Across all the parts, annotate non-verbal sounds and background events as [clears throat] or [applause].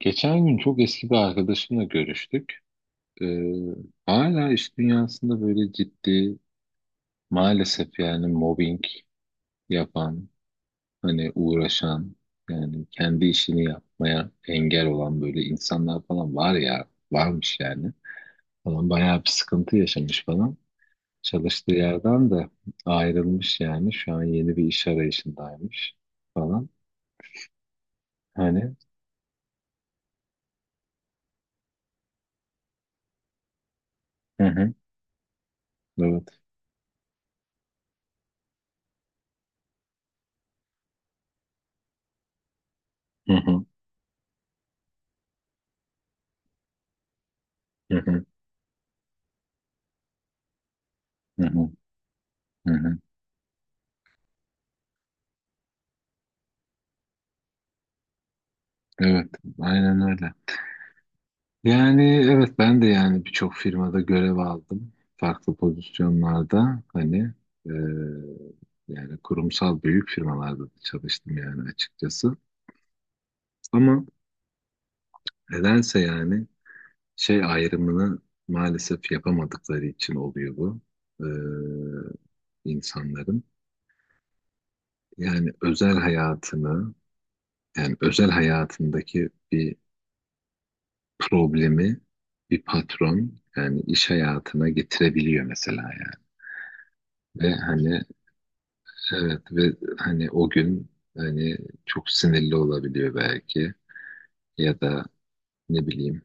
Geçen gün çok eski bir arkadaşımla görüştük. Ee, hala iş dünyasında böyle ciddi maalesef yani mobbing yapan, hani uğraşan, yani kendi işini yapmaya engel olan böyle insanlar falan var ya, varmış yani. Falan bayağı bir sıkıntı yaşamış falan. Çalıştığı yerden de ayrılmış yani. Şu an yeni bir iş arayışındaymış falan. Hani hı hı, evet. Hı hı, hı hı, hı hı, hı hı. Evet, aynen öyle. Yani evet ben de yani birçok firmada görev aldım. Farklı pozisyonlarda hani e, yani kurumsal büyük firmalarda da çalıştım yani açıkçası. Ama nedense yani şey ayrımını maalesef yapamadıkları için oluyor bu e, insanların. Yani özel hayatını yani özel hayatındaki bir problemi bir patron yani iş hayatına getirebiliyor mesela yani. Ve hani Evet, ve hani o gün hani çok sinirli olabiliyor belki ya da ne bileyim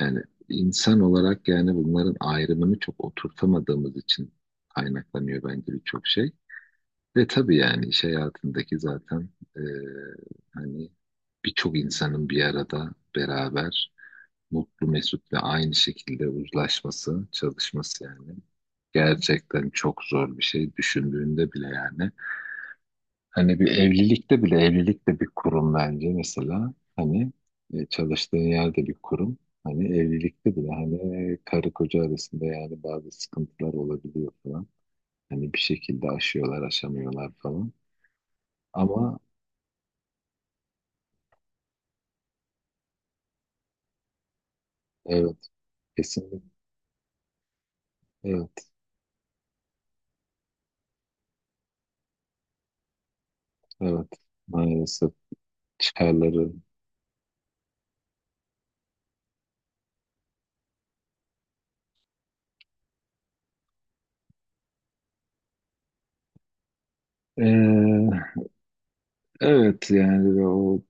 yani insan olarak yani bunların ayrımını çok oturtamadığımız için kaynaklanıyor bence birçok şey. Ve tabii yani iş hayatındaki zaten e, hani birçok insanın bir arada beraber mutlu mesut ve aynı şekilde uzlaşması, çalışması yani gerçekten çok zor bir şey düşündüğünde bile yani. Hani bir evlilikte bile evlilik de bir kurum bence mesela. Hani çalıştığın yerde bir kurum. Hani evlilikte bile hani karı koca arasında yani bazı sıkıntılar olabiliyor falan. Hani bir şekilde aşıyorlar, aşamıyorlar falan. Ama evet, kesinlikle. Evet, evet. Maalesef çıkarları. Evet yani o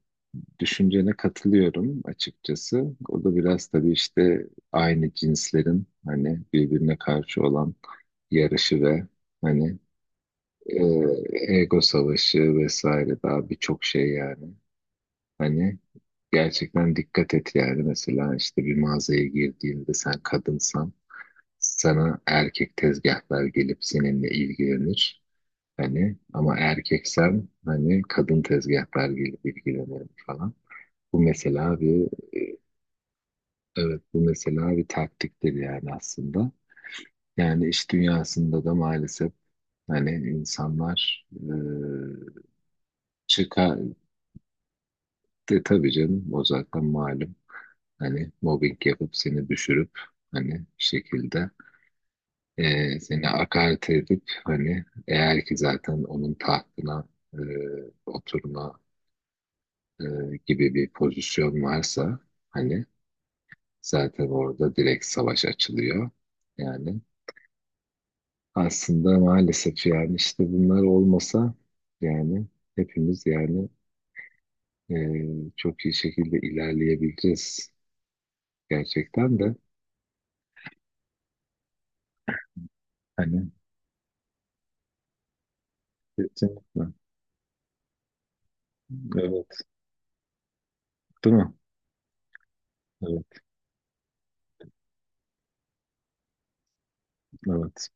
düşüncene katılıyorum açıkçası. O da biraz tabii işte aynı cinslerin hani birbirine karşı olan yarışı ve hani ego savaşı vesaire daha birçok şey yani. Hani gerçekten dikkat et yani mesela işte bir mağazaya girdiğinde sen kadınsan sana erkek tezgahlar gelip seninle ilgilenir. Hani ama erkeksen hani kadın tezgahlar gelip ilgilenir falan. Bu mesela bir evet bu mesela bir taktiktir yani aslında. Yani iş dünyasında da maalesef hani insanlar çıkar de tabii canım o zaten malum. Hani mobbing yapıp seni düşürüp hani bir şekilde seni hakaret edip hani eğer ki zaten onun tahtına e, oturma e, gibi bir pozisyon varsa hani zaten orada direkt savaş açılıyor. Yani aslında maalesef yani işte bunlar olmasa yani hepimiz yani çok iyi şekilde ilerleyebileceğiz gerçekten de hani kesinlikle. Evet, değil mi? Evet, evet.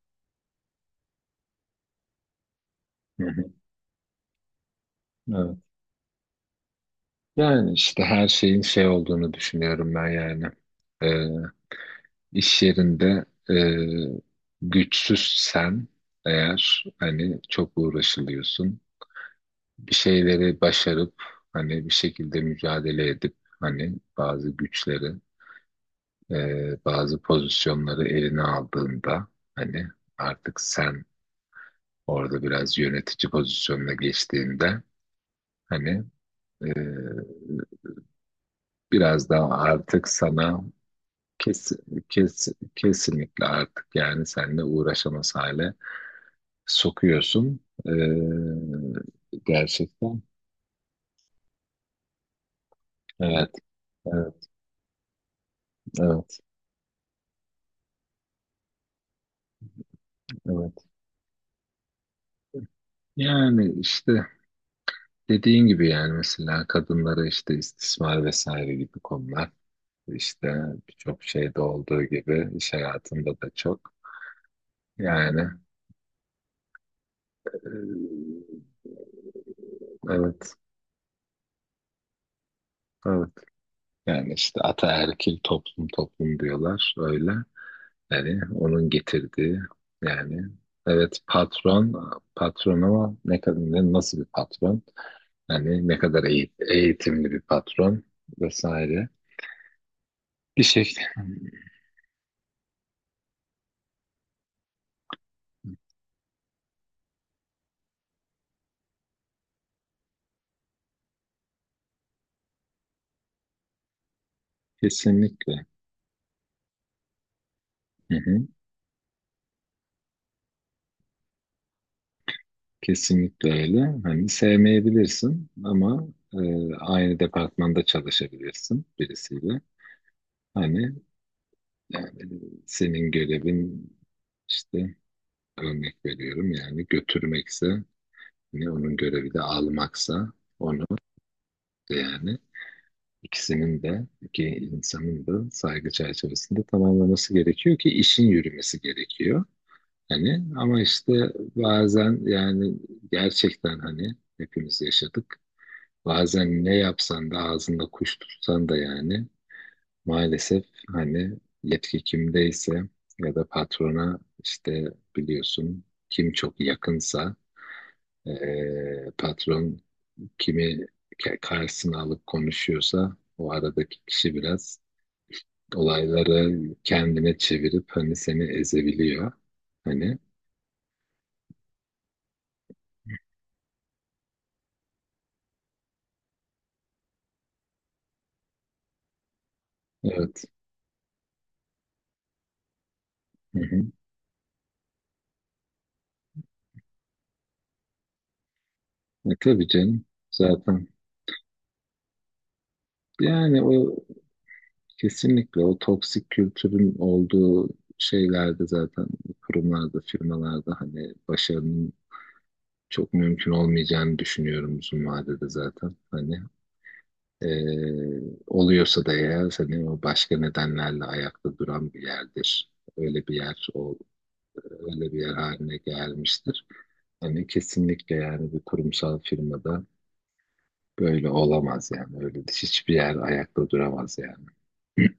Hı hı, evet. Yani işte her şeyin şey olduğunu düşünüyorum ben yani. Eee iş yerinde güçsüzsen eğer hani çok uğraşılıyorsun. Bir şeyleri başarıp hani bir şekilde mücadele edip hani bazı güçleri bazı pozisyonları eline aldığında hani artık sen orada biraz yönetici pozisyonuna geçtiğinde hani e, biraz daha artık sana kes, kes, kesinlikle artık yani seninle uğraşamaz hale sokuyorsun. E, Gerçekten. Evet, evet, evet, evet. Yani işte. Dediğin gibi yani mesela kadınlara işte istismar vesaire gibi konular işte birçok şeyde olduğu gibi iş hayatında da çok yani e, evet evet yani işte ataerkil toplum toplum diyorlar öyle yani onun getirdiği yani evet patron patron ama ne kadar nasıl bir patron yani ne kadar eğitimli bir patron vesaire bir şekilde kesinlikle. Hı hı. Kesinlikle öyle. Hani sevmeyebilirsin ama aynı departmanda çalışabilirsin birisiyle. Hani yani senin görevin işte örnek veriyorum yani götürmekse hani onun görevi de almaksa onu da yani ikisinin de iki insanın da saygı çerçevesinde tamamlaması gerekiyor ki işin yürümesi gerekiyor. Hani ama işte bazen yani gerçekten hani hepimiz yaşadık. Bazen ne yapsan da ağzında kuş tutsan da yani maalesef hani yetki kimdeyse ya da patrona işte biliyorsun kim çok yakınsa patron kimi karşısına alıp konuşuyorsa o aradaki kişi biraz olayları kendine çevirip hani seni ezebiliyor. Hani evet. Hı hı. Tabii canım zaten yani o, kesinlikle o toksik kültürün olduğu şeylerde zaten kurumlarda, firmalarda hani başarının çok mümkün olmayacağını düşünüyorum uzun vadede zaten. Hani eee, oluyorsa da eğer hani o başka nedenlerle ayakta duran bir yerdir. Öyle bir yer, o öyle bir yer haline gelmiştir. Hani kesinlikle yani bir kurumsal firmada böyle olamaz yani. Öyle hiçbir yer ayakta duramaz yani. [clears throat]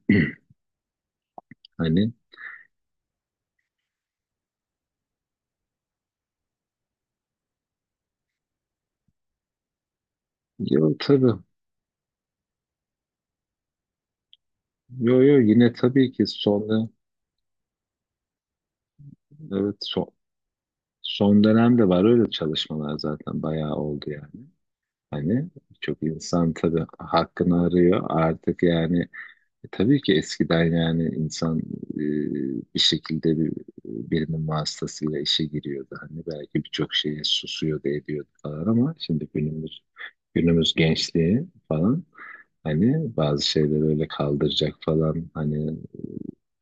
Hani yok tabii. Yo yo yine tabii ki sonda evet, son dönemde var öyle çalışmalar zaten bayağı oldu yani. Hani çok insan tabii hakkını arıyor artık yani. Tabii ki eskiden yani insan e, bir şekilde bir, birinin vasıtasıyla işe giriyordu. Hani belki birçok şeye susuyordu ediyordu falan ama şimdi günümüz günümüz gençliği falan. Hani bazı şeyleri öyle kaldıracak falan hani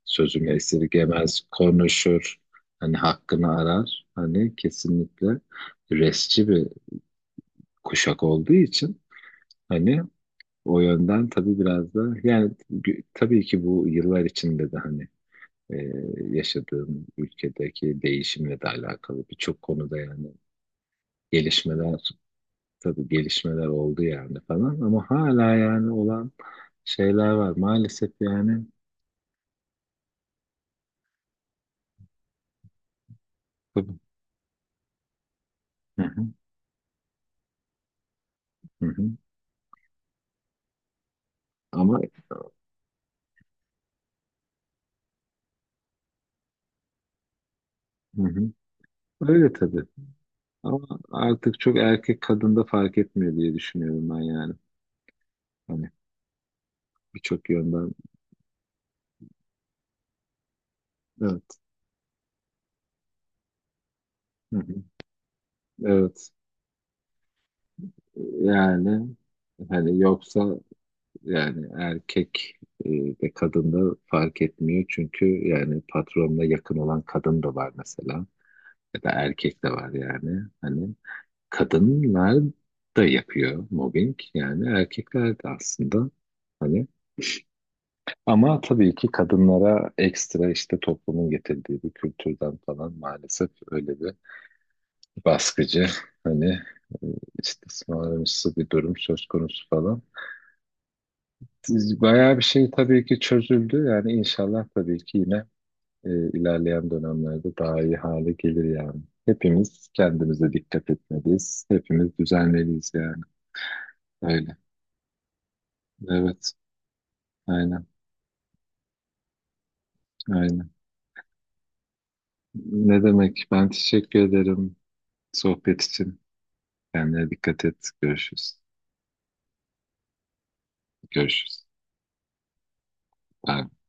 sözümü esirgemez, konuşur, hani hakkını arar. Hani kesinlikle resci bir kuşak olduğu için hani o yönden tabii biraz da yani tabii ki bu yıllar içinde de hani e, yaşadığım ülkedeki değişimle de alakalı birçok konuda yani gelişmeler tabii gelişmeler oldu yani falan ama hala yani olan şeyler var maalesef yani. Tabii. Hı hı, hı hı. Ama hı hı. Öyle tabii. Ama artık çok erkek kadında fark etmiyor diye düşünüyorum ben yani. Hani birçok yönden. Evet. Hı hı. Evet. Yani hani yoksa yani erkek e, de kadında fark etmiyor. Çünkü yani patronla yakın olan kadın da var mesela. Ya da erkek de var yani. Hani kadınlar da yapıyor mobbing. Yani erkekler de aslında. Hani ama tabii ki kadınlara ekstra işte toplumun getirdiği bir kültürden falan maalesef öyle bir baskıcı hani e, istismarımsı bir durum söz konusu falan. Bayağı bir şey tabii ki çözüldü yani inşallah tabii ki yine e, ilerleyen dönemlerde daha iyi hale gelir yani. Hepimiz kendimize dikkat etmeliyiz. Hepimiz düzenleliyiz yani. Öyle. Evet. Aynen. Aynen. Ne demek? Ben teşekkür ederim sohbet için. Kendine dikkat et. Görüşürüz. Görüşürüz. Bay bay.